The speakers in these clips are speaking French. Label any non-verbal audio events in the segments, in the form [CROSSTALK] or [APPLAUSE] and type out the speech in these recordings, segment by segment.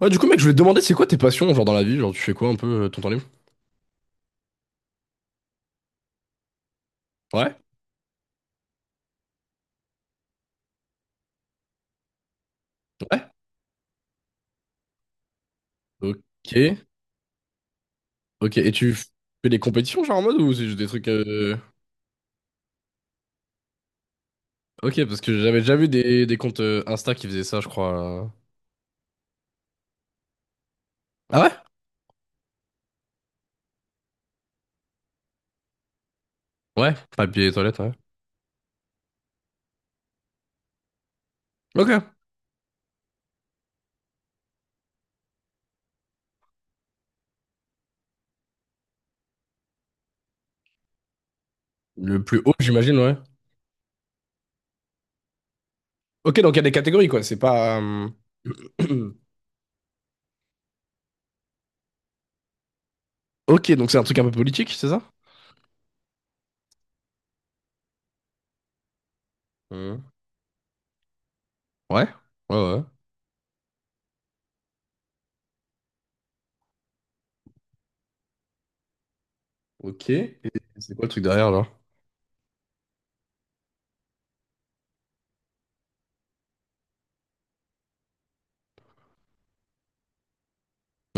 Ouais, du coup, mec, je voulais te demander, c'est quoi tes passions, genre dans la vie? Genre, tu fais quoi un peu ton temps libre? Ouais, ouais. Ok, ok. Et tu fais des compétitions, genre en mode, ou c'est juste des trucs? Ok, parce que j'avais déjà vu des comptes Insta qui faisaient ça, je crois. Ah ouais? Ouais, papier et toilette, ouais. Ok. Le plus haut, j'imagine, ouais. Ok, donc il y a des catégories, quoi. C'est pas. [CLEARS THROAT] Ok, donc c'est un truc un peu politique, c'est ça? Hmm. Ouais, ouais, ouais. Ok. Et c'est quoi le truc derrière, là?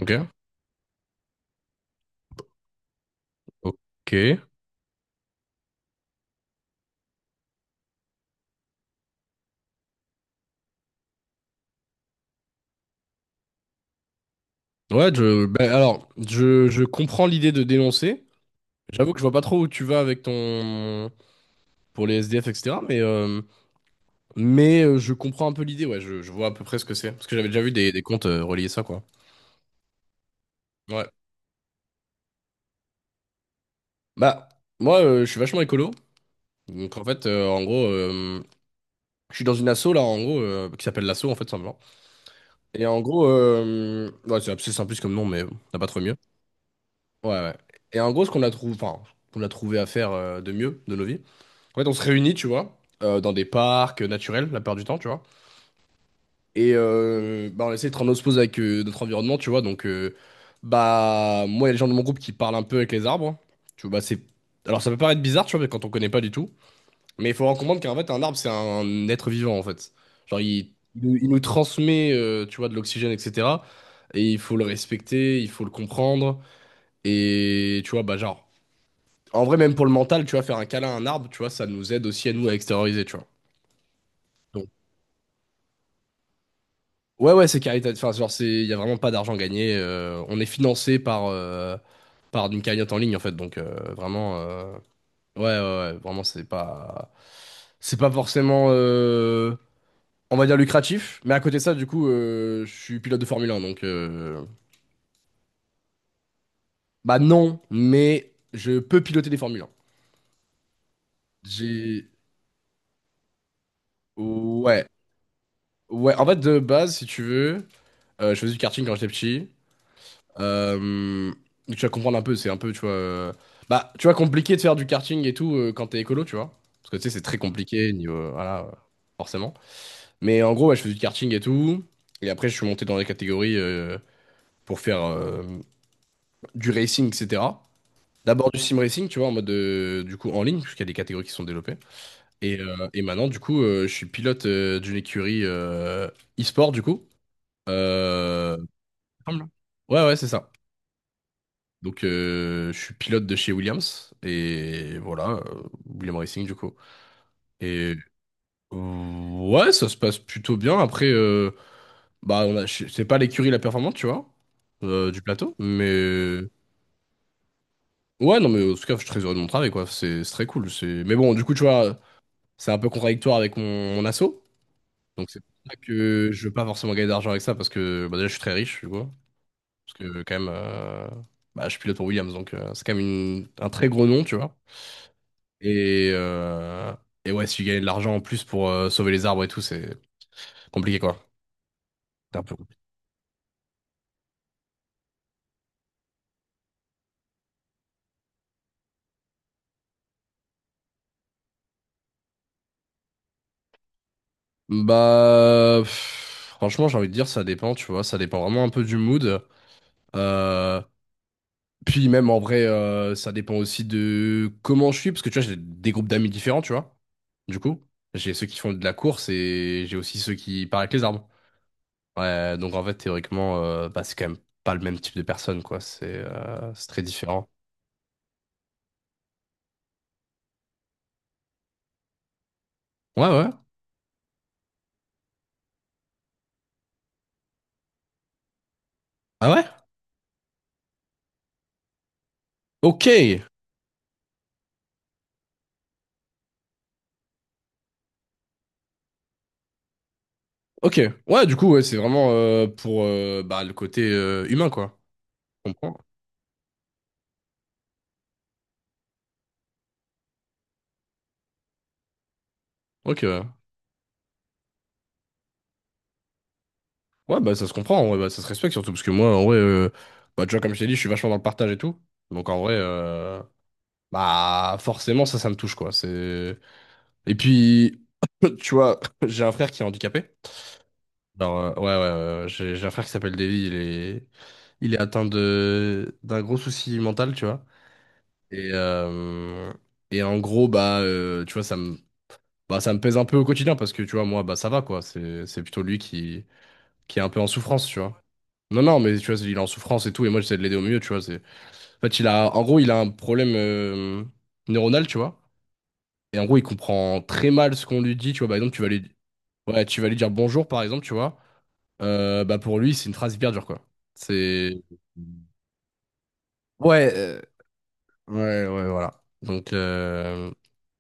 Ok. Ok. Ouais, je, ben, alors, je comprends l'idée de dénoncer. J'avoue que je vois pas trop où tu vas avec ton... pour les SDF, etc. Mais je comprends un peu l'idée, ouais. Je vois à peu près ce que c'est. Parce que j'avais déjà vu des comptes relier ça, quoi. Ouais. Bah, moi, je suis vachement écolo. Donc, en fait, en gros, je suis dans une asso, là, en gros, qui s'appelle l'asso, en fait, simplement. Et en gros, ouais, c'est assez simpliste comme nom, mais on n'a pas trop mieux. Ouais, ouais. Et en gros, ce qu'on a trouvé, enfin, qu'on a trouvé à faire de mieux de nos vies, en fait, on se réunit, tu vois, dans des parcs naturels, la plupart du temps, tu vois. Et bah, on essaie d'être en osmose avec notre environnement, tu vois. Donc, bah, moi, il y a les gens de mon groupe qui parlent un peu avec les arbres, hein. Tu vois, bah, c'est. Alors, ça peut paraître bizarre, tu vois, quand on connaît pas du tout. Mais il faut en comprendre qu'en fait, un arbre, c'est un être vivant, en fait. Genre, il nous, il nous transmet, tu vois, de l'oxygène, etc. Et il faut le respecter, il faut le comprendre. Et, tu vois, bah, genre, en vrai, même pour le mental, tu vois, faire un câlin à un arbre, tu vois, ça nous aide aussi à nous à extérioriser, tu vois. Ouais, ouais, c'est caritatif. Enfin, genre, c'est, il y a vraiment pas d'argent gagné. On est financé par, par une cagnotte en ligne, en fait. Donc, vraiment, ouais, ouais, ouais, vraiment, c'est pas forcément, on va dire lucratif. Mais à côté de ça, du coup, je suis pilote de Formule 1, donc, bah non, mais je peux piloter des Formule 1. J'ai, ouais, ouais. En fait, de base, si tu veux, je faisais du karting quand j'étais petit. Euh, donc tu vas comprendre un peu, c'est un peu, tu vois. Bah, tu vois, compliqué de faire du karting et tout quand t'es écolo, tu vois. Parce que tu sais, c'est très compliqué, niveau, voilà, forcément. Mais en gros, ouais, je faisais du karting et tout. Et après, je suis monté dans les catégories pour faire du racing, etc. D'abord du sim racing, tu vois, en mode du coup en ligne, puisqu'il y a des catégories qui sont développées. Et maintenant, du coup, je suis pilote d'une écurie e-sport, du coup. Euh, il me semble. Ouais, ouais, c'est ça. Donc, je suis pilote de chez Williams. Et voilà, William Racing, du coup. Et ouais, ça se passe plutôt bien. Après, bah, on a- je- c'est pas l'écurie la performante, tu vois, du plateau. Mais ouais, non, mais en tout cas, je suis très heureux de mon travail, quoi. C'est très cool. C'est... Mais bon, du coup, tu vois, c'est un peu contradictoire avec mon, mon asso. Donc, c'est pour ça que je veux pas forcément gagner d'argent avec ça parce que bah, déjà, je suis très riche, tu vois. Parce que, quand même, bah, je pilote pour Williams. Donc, c'est quand même une- un très gros nom, tu vois. Et, euh, et ouais, si tu gagnes de l'argent en plus pour sauver les arbres et tout, c'est compliqué quoi. C'est un peu compliqué. Bah, pff, franchement, j'ai envie de dire, ça dépend, tu vois, ça dépend vraiment un peu du mood. Euh, Puis même en vrai, ça dépend aussi de comment je suis, parce que tu vois, j'ai des groupes d'amis différents, tu vois. Du coup, j'ai ceux qui font de la course et j'ai aussi ceux qui parlent avec les arbres. Ouais, donc en fait, théoriquement, bah, c'est quand même pas le même type de personne, quoi. C'est très différent. Ouais, ouais. Ah ouais? Ok. Ok. Ouais, du coup, ouais, c'est vraiment pour bah, le côté humain, quoi. Je comprends. Ok. Ouais, ouais, bah ça se comprend, ouais, bah, ça se respecte surtout, parce que moi, en vrai, bah, tu vois, comme je t'ai dit, je suis vachement dans le partage et tout. Donc en vrai, bah forcément, ça me touche, quoi. C'est... Et puis, [COUGHS] [LAUGHS] tu vois, [LAUGHS] j'ai un frère qui est handicapé. Alors, ouais, ouais, ouais, ouais, j'ai un frère qui s'appelle Davy, il est atteint de d'un gros souci mental, tu vois. Et, euh, et en gros, bah, tu vois, ça me bah, ça me pèse un peu au quotidien parce que tu vois, moi, bah, ça va quoi. C'est plutôt lui qui est un peu en souffrance, tu vois. Non, non, mais tu vois, il est en souffrance et tout. Et moi, j'essaie de l'aider au mieux, tu vois. C'est... En fait, il a, en gros, il a un problème neuronal, tu vois. Et en gros, il comprend très mal ce qu'on lui dit, tu vois. Par exemple, tu vas lui, ouais, tu vas lui dire bonjour, par exemple, tu vois. Bah, pour lui, c'est une phrase hyper dure, quoi. C'est. Ouais, ouais, ouais, voilà. Donc, euh,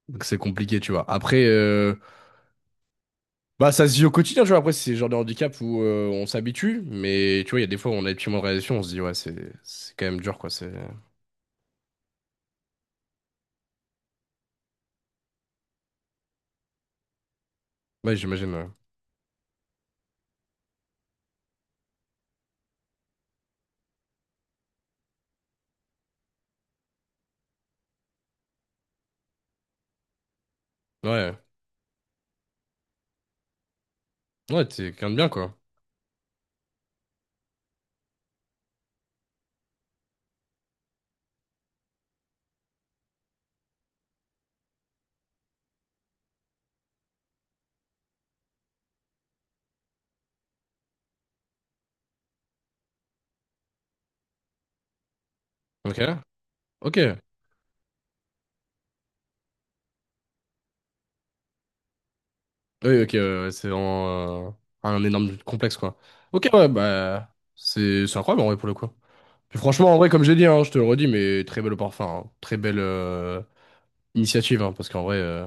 donc c'est compliqué, tu vois. Après, bah, ça se vit au quotidien, tu vois. Après, c'est le genre de handicap où on s'habitue, mais tu vois, il y a des fois où on a des petits moments de réalisation, on se dit, ouais, c'est quand même dur, quoi. C'est... Ouais, j'imagine, ouais. Ouais, ouais, t'es quelqu'un de bien, quoi. Ok, ok. Oui, ok, ouais, ouais, c'est vraiment un énorme complexe, quoi. Ok, ouais, bah, c'est incroyable, en vrai, pour le coup. Puis franchement, en vrai, comme j'ai dit, hein, je te le redis, mais très belle, au parfum, hein. Très belle initiative, hein, parce qu'en vrai.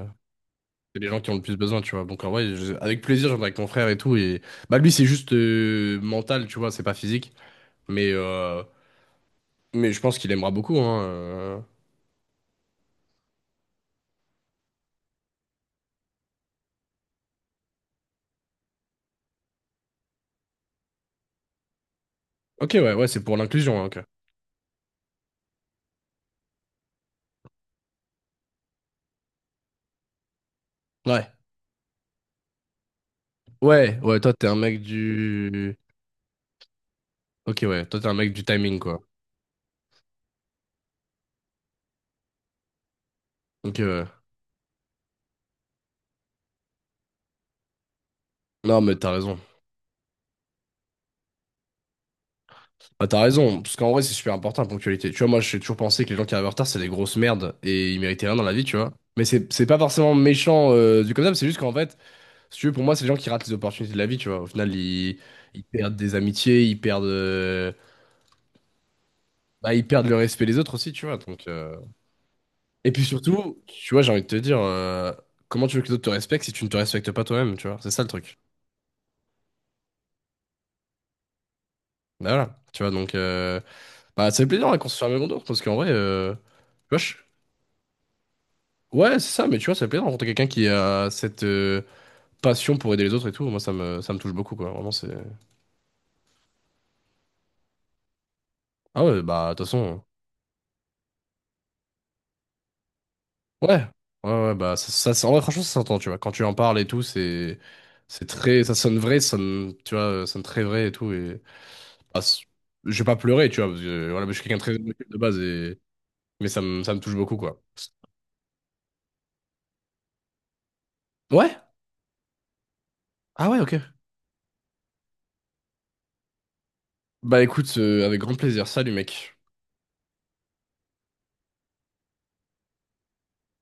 C'est les gens qui ont le plus besoin, tu vois. Donc en vrai, je- avec plaisir, j'en avec mon frère et tout. Et bah lui, c'est juste mental, tu vois, c'est pas physique. Mais euh, mais je pense qu'il aimera beaucoup. Hein. Ok, ouais, ouais, c'est pour l'inclusion, hein, ok. Ouais, ouais, ouais. Toi, t'es un mec du. Ok, ouais. Toi, t'es un mec du timing, quoi. Ok, ouais. Non, mais t'as raison. Bah, t'as raison, parce qu'en vrai, c'est super important la ponctualité. Tu vois, moi, j'ai toujours pensé que les gens qui arrivent en retard, c'est des grosses merdes et ils méritaient rien dans la vie, tu vois. Mais c'est pas forcément méchant du comme ça, mais c'est juste qu'en fait. Si tu veux, pour moi, c'est les gens qui ratent les opportunités de la vie, tu vois. Au final, ils perdent des amitiés, ils perdent, bah, ils perdent le respect des autres aussi, tu vois. Donc, et puis surtout, tu vois, j'ai envie de te dire, comment tu veux que les autres te respectent si tu ne te respectes pas toi-même, tu vois. C'est ça le truc. Bah, voilà, tu vois, donc... Bah, ça fait plaisir hein, qu'on se fasse un même tour, parce qu'en vrai, tu vois, je- ouais, c'est ça, mais tu vois, ça fait plaisir de rencontrer quelqu'un qui a cette passion pour aider les autres et tout. Moi, ça me touche beaucoup, quoi. Vraiment, c'est... Ah ouais, bah, de toute façon... Ouais, ouais, ouais, bah ça, ça, ça- en vrai, franchement, ça s'entend, tu vois. Quand tu en parles et tout, c'est très, ça sonne vrai, ça sonne, tu vois, ça sonne très vrai et tout. Et bah, c'est- je vais pas pleurer, tu vois, parce que voilà, je suis quelqu'un de très émotif de base et mais ça me touche beaucoup, quoi. Ouais, ah ouais, ok. Bah écoute, avec grand plaisir. Salut, mec.